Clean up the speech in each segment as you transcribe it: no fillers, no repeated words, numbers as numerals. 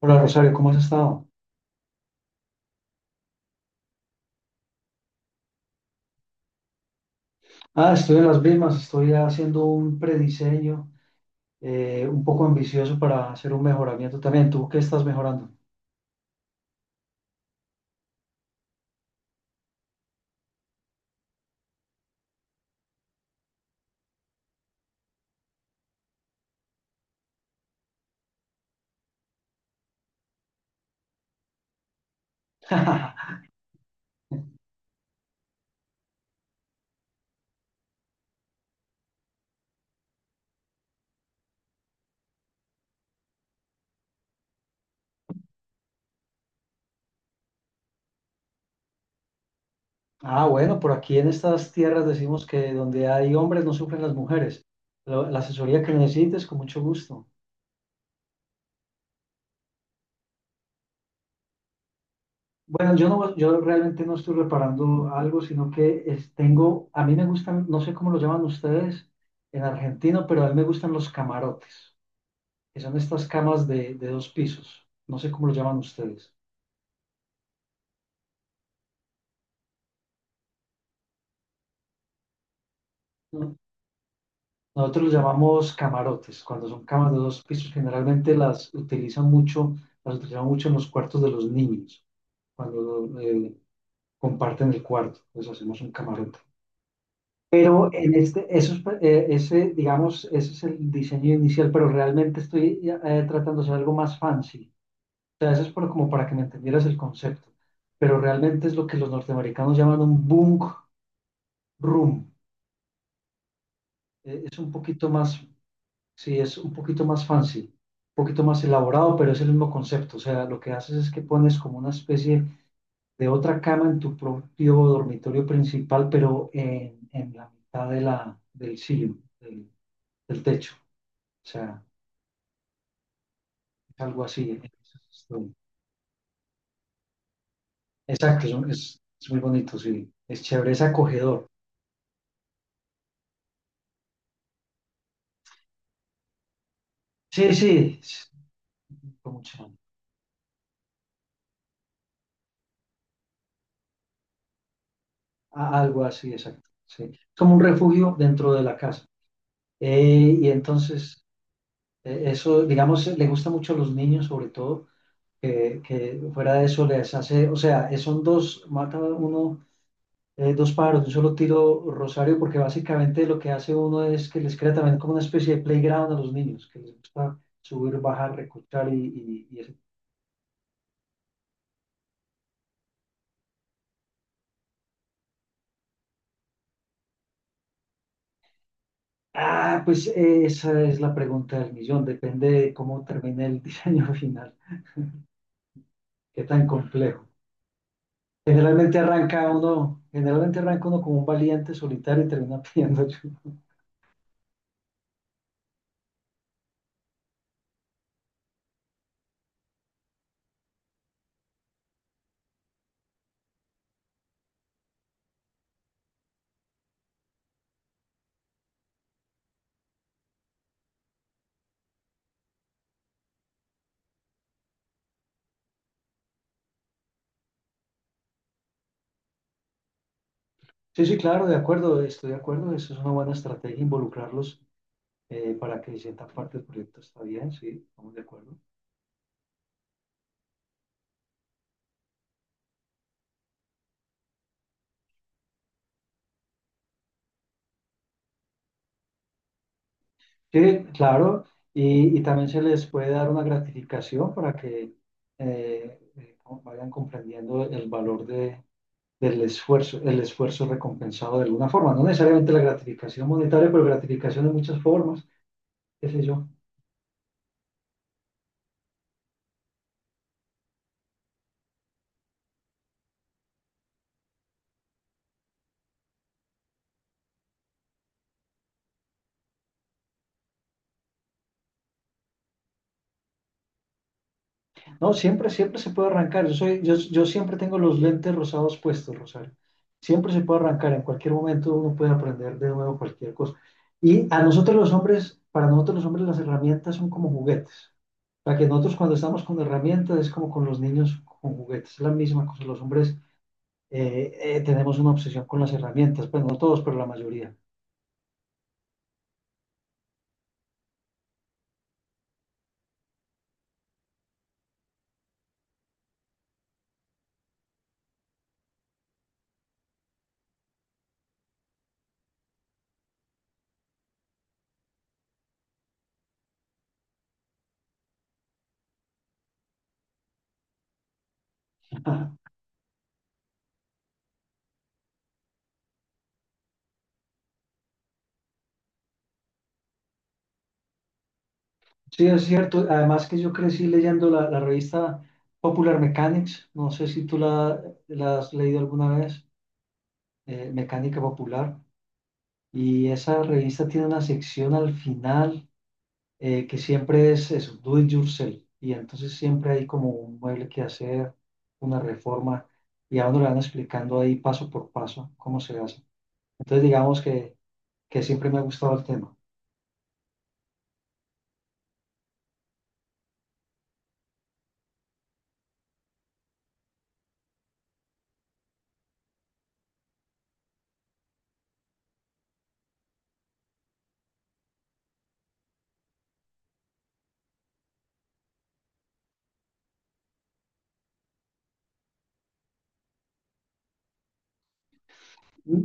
Hola Rosario, ¿cómo has estado? Ah, estoy en las mismas, estoy haciendo un prediseño un poco ambicioso para hacer un mejoramiento también. ¿Tú qué estás mejorando? Ah, bueno, por aquí en estas tierras decimos que donde hay hombres no sufren las mujeres. La asesoría que necesites, con mucho gusto. Bueno, yo realmente no estoy reparando algo, sino que tengo, a mí me gustan, no sé cómo lo llaman ustedes en Argentina, pero a mí me gustan los camarotes, que son estas camas de dos pisos. No sé cómo lo llaman ustedes. ¿No? Nosotros los llamamos camarotes, cuando son camas de dos pisos, generalmente las utilizan mucho en los cuartos de los niños, cuando comparten el cuarto, pues hacemos un camarote. Pero en este, eso es, ese, digamos, ese es el diseño inicial, pero realmente estoy tratando de hacer algo más fancy. O sea, eso es como para que me entendieras el concepto. Pero realmente es lo que los norteamericanos llaman un bunk room. Es un poquito más, sí, es un poquito más fancy, un poquito más elaborado, pero es el mismo concepto. O sea, lo que haces es que pones como una especie de otra cama en tu propio dormitorio principal, pero en la mitad de del cielo del techo. O sea, es algo así. Exacto, es muy bonito, sí. Es chévere, es acogedor. Sí, sí, es como chan- algo así, exacto. Sí. Es como un refugio dentro de la casa. Y entonces... Eso, digamos, le gusta mucho a los niños, sobre todo, que fuera de eso les hace, o sea, son dos, mata uno, dos pájaros de un solo tiro, Rosario, porque básicamente lo que hace uno es que les crea también como una especie de playground a los niños, que les gusta subir, bajar, recortar y eso. Ah, pues esa es la pregunta del millón, depende de cómo termine el diseño final, qué tan complejo. Generalmente arranca uno como un valiente solitario y termina pidiendo ayuda. Sí, sí, claro, de acuerdo, estoy de acuerdo. Eso es una buena estrategia, involucrarlos para que sientan parte del proyecto. Está bien, sí, estamos de acuerdo. Sí, claro, y también se les puede dar una gratificación para que como vayan comprendiendo el valor del esfuerzo, el esfuerzo recompensado de alguna forma. No necesariamente la gratificación monetaria, pero gratificación de muchas formas, qué sé yo. No, siempre, siempre se puede arrancar. Yo siempre tengo los lentes rosados puestos, Rosario. Siempre se puede arrancar. En cualquier momento uno puede aprender de nuevo cualquier cosa. Y a nosotros los hombres, para nosotros los hombres las herramientas son como juguetes. O sea, que nosotros cuando estamos con herramientas es como con los niños con juguetes. Es la misma cosa. Los hombres tenemos una obsesión con las herramientas. Pues no todos, pero la mayoría. Sí, es cierto. Además que yo crecí leyendo la revista Popular Mechanics. No sé si la has leído alguna vez, Mecánica Popular. Y esa revista tiene una sección al final que siempre es eso, do it yourself. Y entonces siempre hay como un mueble que hacer, una reforma, y a uno le van explicando ahí paso por paso cómo se hace. Entonces digamos que siempre me ha gustado el tema.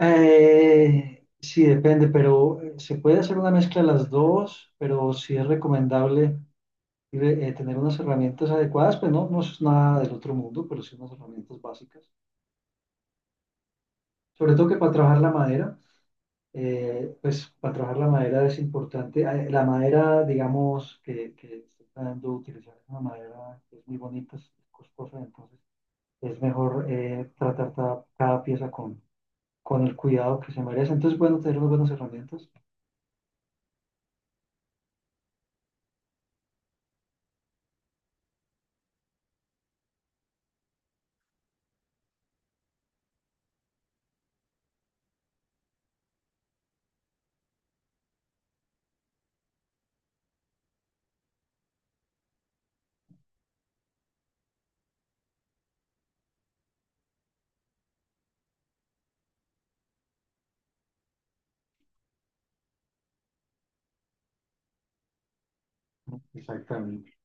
Sí, depende, pero se puede hacer una mezcla de las dos, pero sí es recomendable tener unas herramientas adecuadas, pues no es nada del otro mundo, pero sí unas herramientas básicas. Sobre todo que para trabajar la madera, pues para trabajar la madera es importante. La madera, digamos, que está dando utilizar es una madera que es muy bonita, es costosa, entonces es mejor tratar cada pieza con el cuidado que se merece. Entonces, bueno, tener unas buenas herramientas. Exactamente.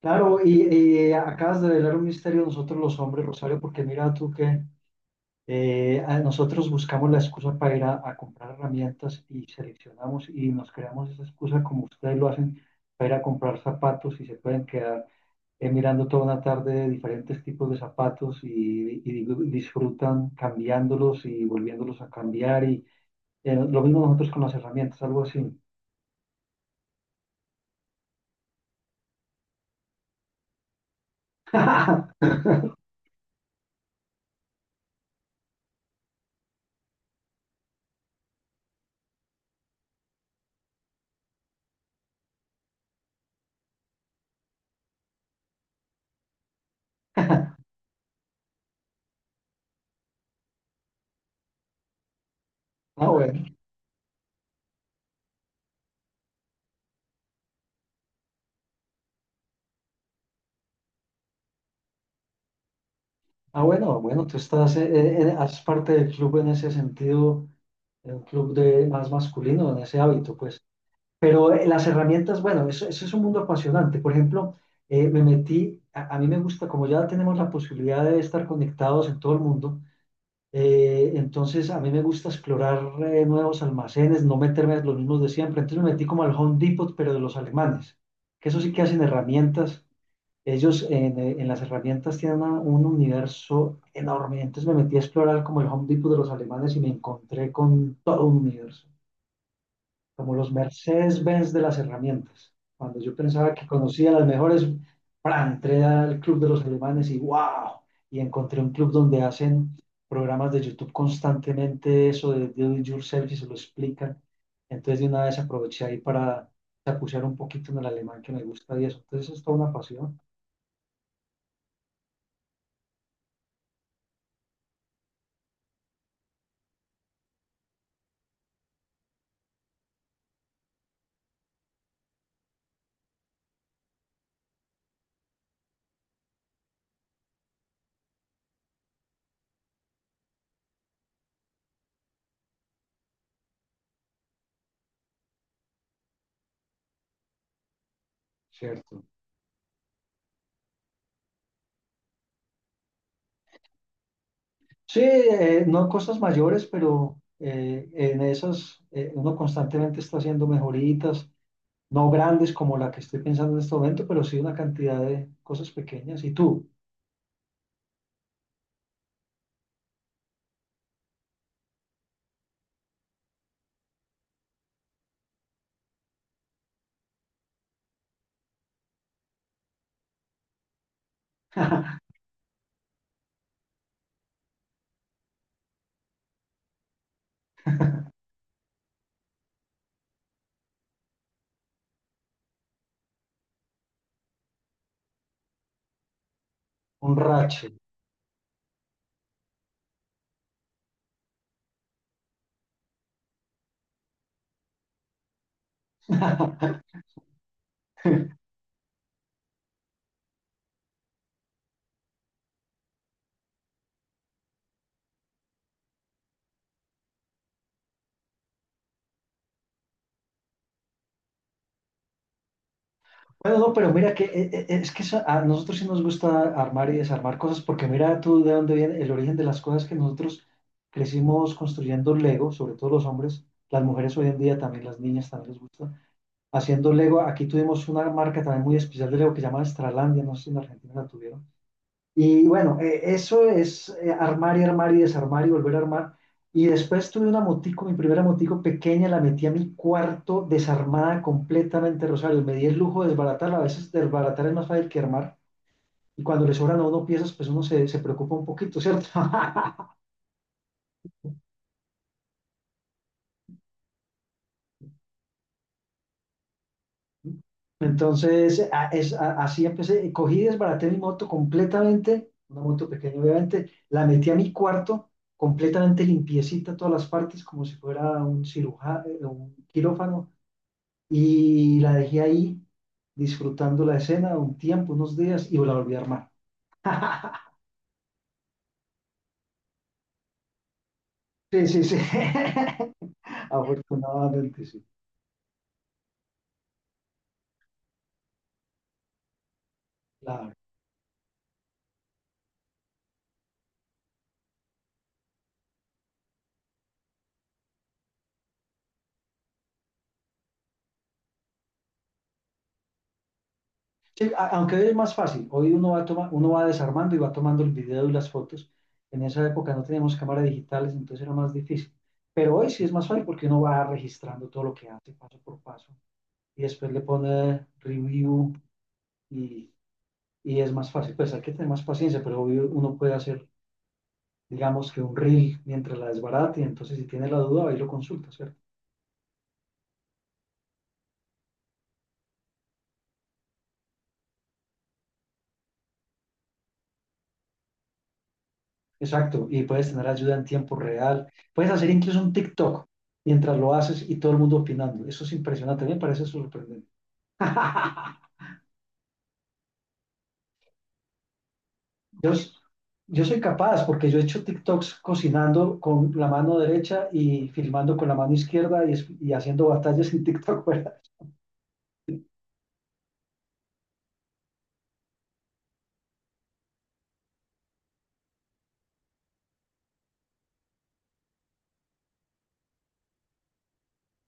Claro, acabas de velar un misterio de nosotros los hombres, Rosario, porque mira tú que nosotros buscamos la excusa para ir a comprar herramientas y seleccionamos y nos creamos esa excusa como ustedes lo hacen para ir a comprar zapatos y se pueden quedar mirando toda una tarde diferentes tipos de zapatos disfrutan cambiándolos y volviéndolos a cambiar y lo mismo nosotros con las herramientas, algo así. Ah, bueno. Ah, bueno, bueno, tú estás, haces parte del club en ese sentido, un club de más masculino, en ese hábito, pues. Pero las herramientas, bueno, eso es un mundo apasionante. Por ejemplo, a mí me gusta, como ya tenemos la posibilidad de estar conectados en todo el mundo, entonces a mí me gusta explorar nuevos almacenes, no meterme en los mismos de siempre. Entonces me metí como al Home Depot, pero de los alemanes, que eso sí que hacen herramientas ellos en las herramientas tienen un universo enorme. Entonces me metí a explorar como el Home Depot de los alemanes y me encontré con todo un universo, como los Mercedes-Benz de las herramientas. Cuando yo pensaba que conocía las mejores, ¡pra! Entré al club de los alemanes y wow, y encontré un club donde hacen programas de YouTube constantemente, eso de Do It Yourself y se lo explican. Entonces de una vez aproveché ahí para chapucear un poquito en el alemán que me gusta y eso. Entonces es toda una pasión. Cierto. Sí, no cosas mayores, pero en esas uno constantemente está haciendo mejoritas, no grandes como la que estoy pensando en este momento, pero sí una cantidad de cosas pequeñas. ¿Y tú? Un rache. Bueno, no, pero mira que es que a nosotros sí nos gusta armar y desarmar cosas, porque mira tú de dónde viene el origen de las cosas que nosotros crecimos construyendo Lego, sobre todo los hombres, las mujeres hoy en día también, las niñas también les gusta haciendo Lego. Aquí tuvimos una marca también muy especial de Lego que se llama Estralandia, no sé si en Argentina la tuvieron. Y bueno, eso es armar y armar y desarmar y volver a armar. Y después tuve una motico, mi primera motico pequeña, la metí a mi cuarto desarmada completamente, Rosario. Me di el lujo de desbaratarla. A veces desbaratar es más fácil que armar. Y cuando le sobran a uno piezas, pues uno se preocupa un poquito, ¿cierto? Entonces, así empecé. Cogí y desbaraté mi moto completamente, una moto pequeña, obviamente. La metí a mi cuarto, completamente limpiecita todas las partes, como si fuera un cirujano, un quirófano. Y la dejé ahí, disfrutando la escena un tiempo, unos días, y la volví a armar. Sí, sí, sí. Afortunadamente, sí. Claro. Sí, aunque hoy es más fácil, hoy uno va desarmando y va tomando el video y las fotos. En esa época no teníamos cámaras digitales, entonces era más difícil. Pero hoy sí es más fácil porque uno va registrando todo lo que hace paso por paso y después le pone review y, y es más fácil. Pues hay que tener más paciencia, pero obvio uno puede hacer, digamos que un reel mientras la desbarata y entonces si tiene la duda, ahí lo consulta, ¿cierto? Exacto, y puedes tener ayuda en tiempo real. Puedes hacer incluso un TikTok mientras lo haces y todo el mundo opinando. Eso es impresionante, me parece sorprendente. Yo, s- yo soy capaz porque yo he hecho TikToks cocinando con la mano derecha y filmando con la mano izquierda y haciendo batallas en TikTok. ¿verdad?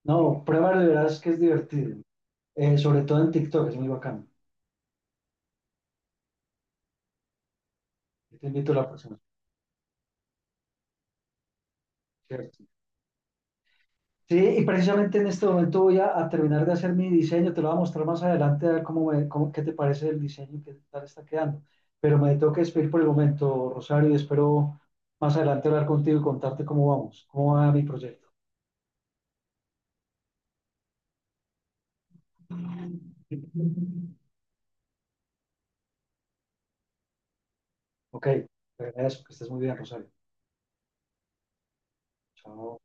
No, prueba de verás que es divertido. Sobre todo en TikTok, es muy bacano. Yo te invito a la próxima. ¿Cierto? Sí, y precisamente en este momento voy a terminar de hacer mi diseño, te lo voy a mostrar más adelante, a ver qué te parece el diseño y qué tal está quedando. Pero me tengo que despedir por el momento, Rosario, y espero más adelante hablar contigo y contarte cómo vamos, cómo va mi proyecto. Ok, te agradezco, que estés muy bien, Rosario. Chao.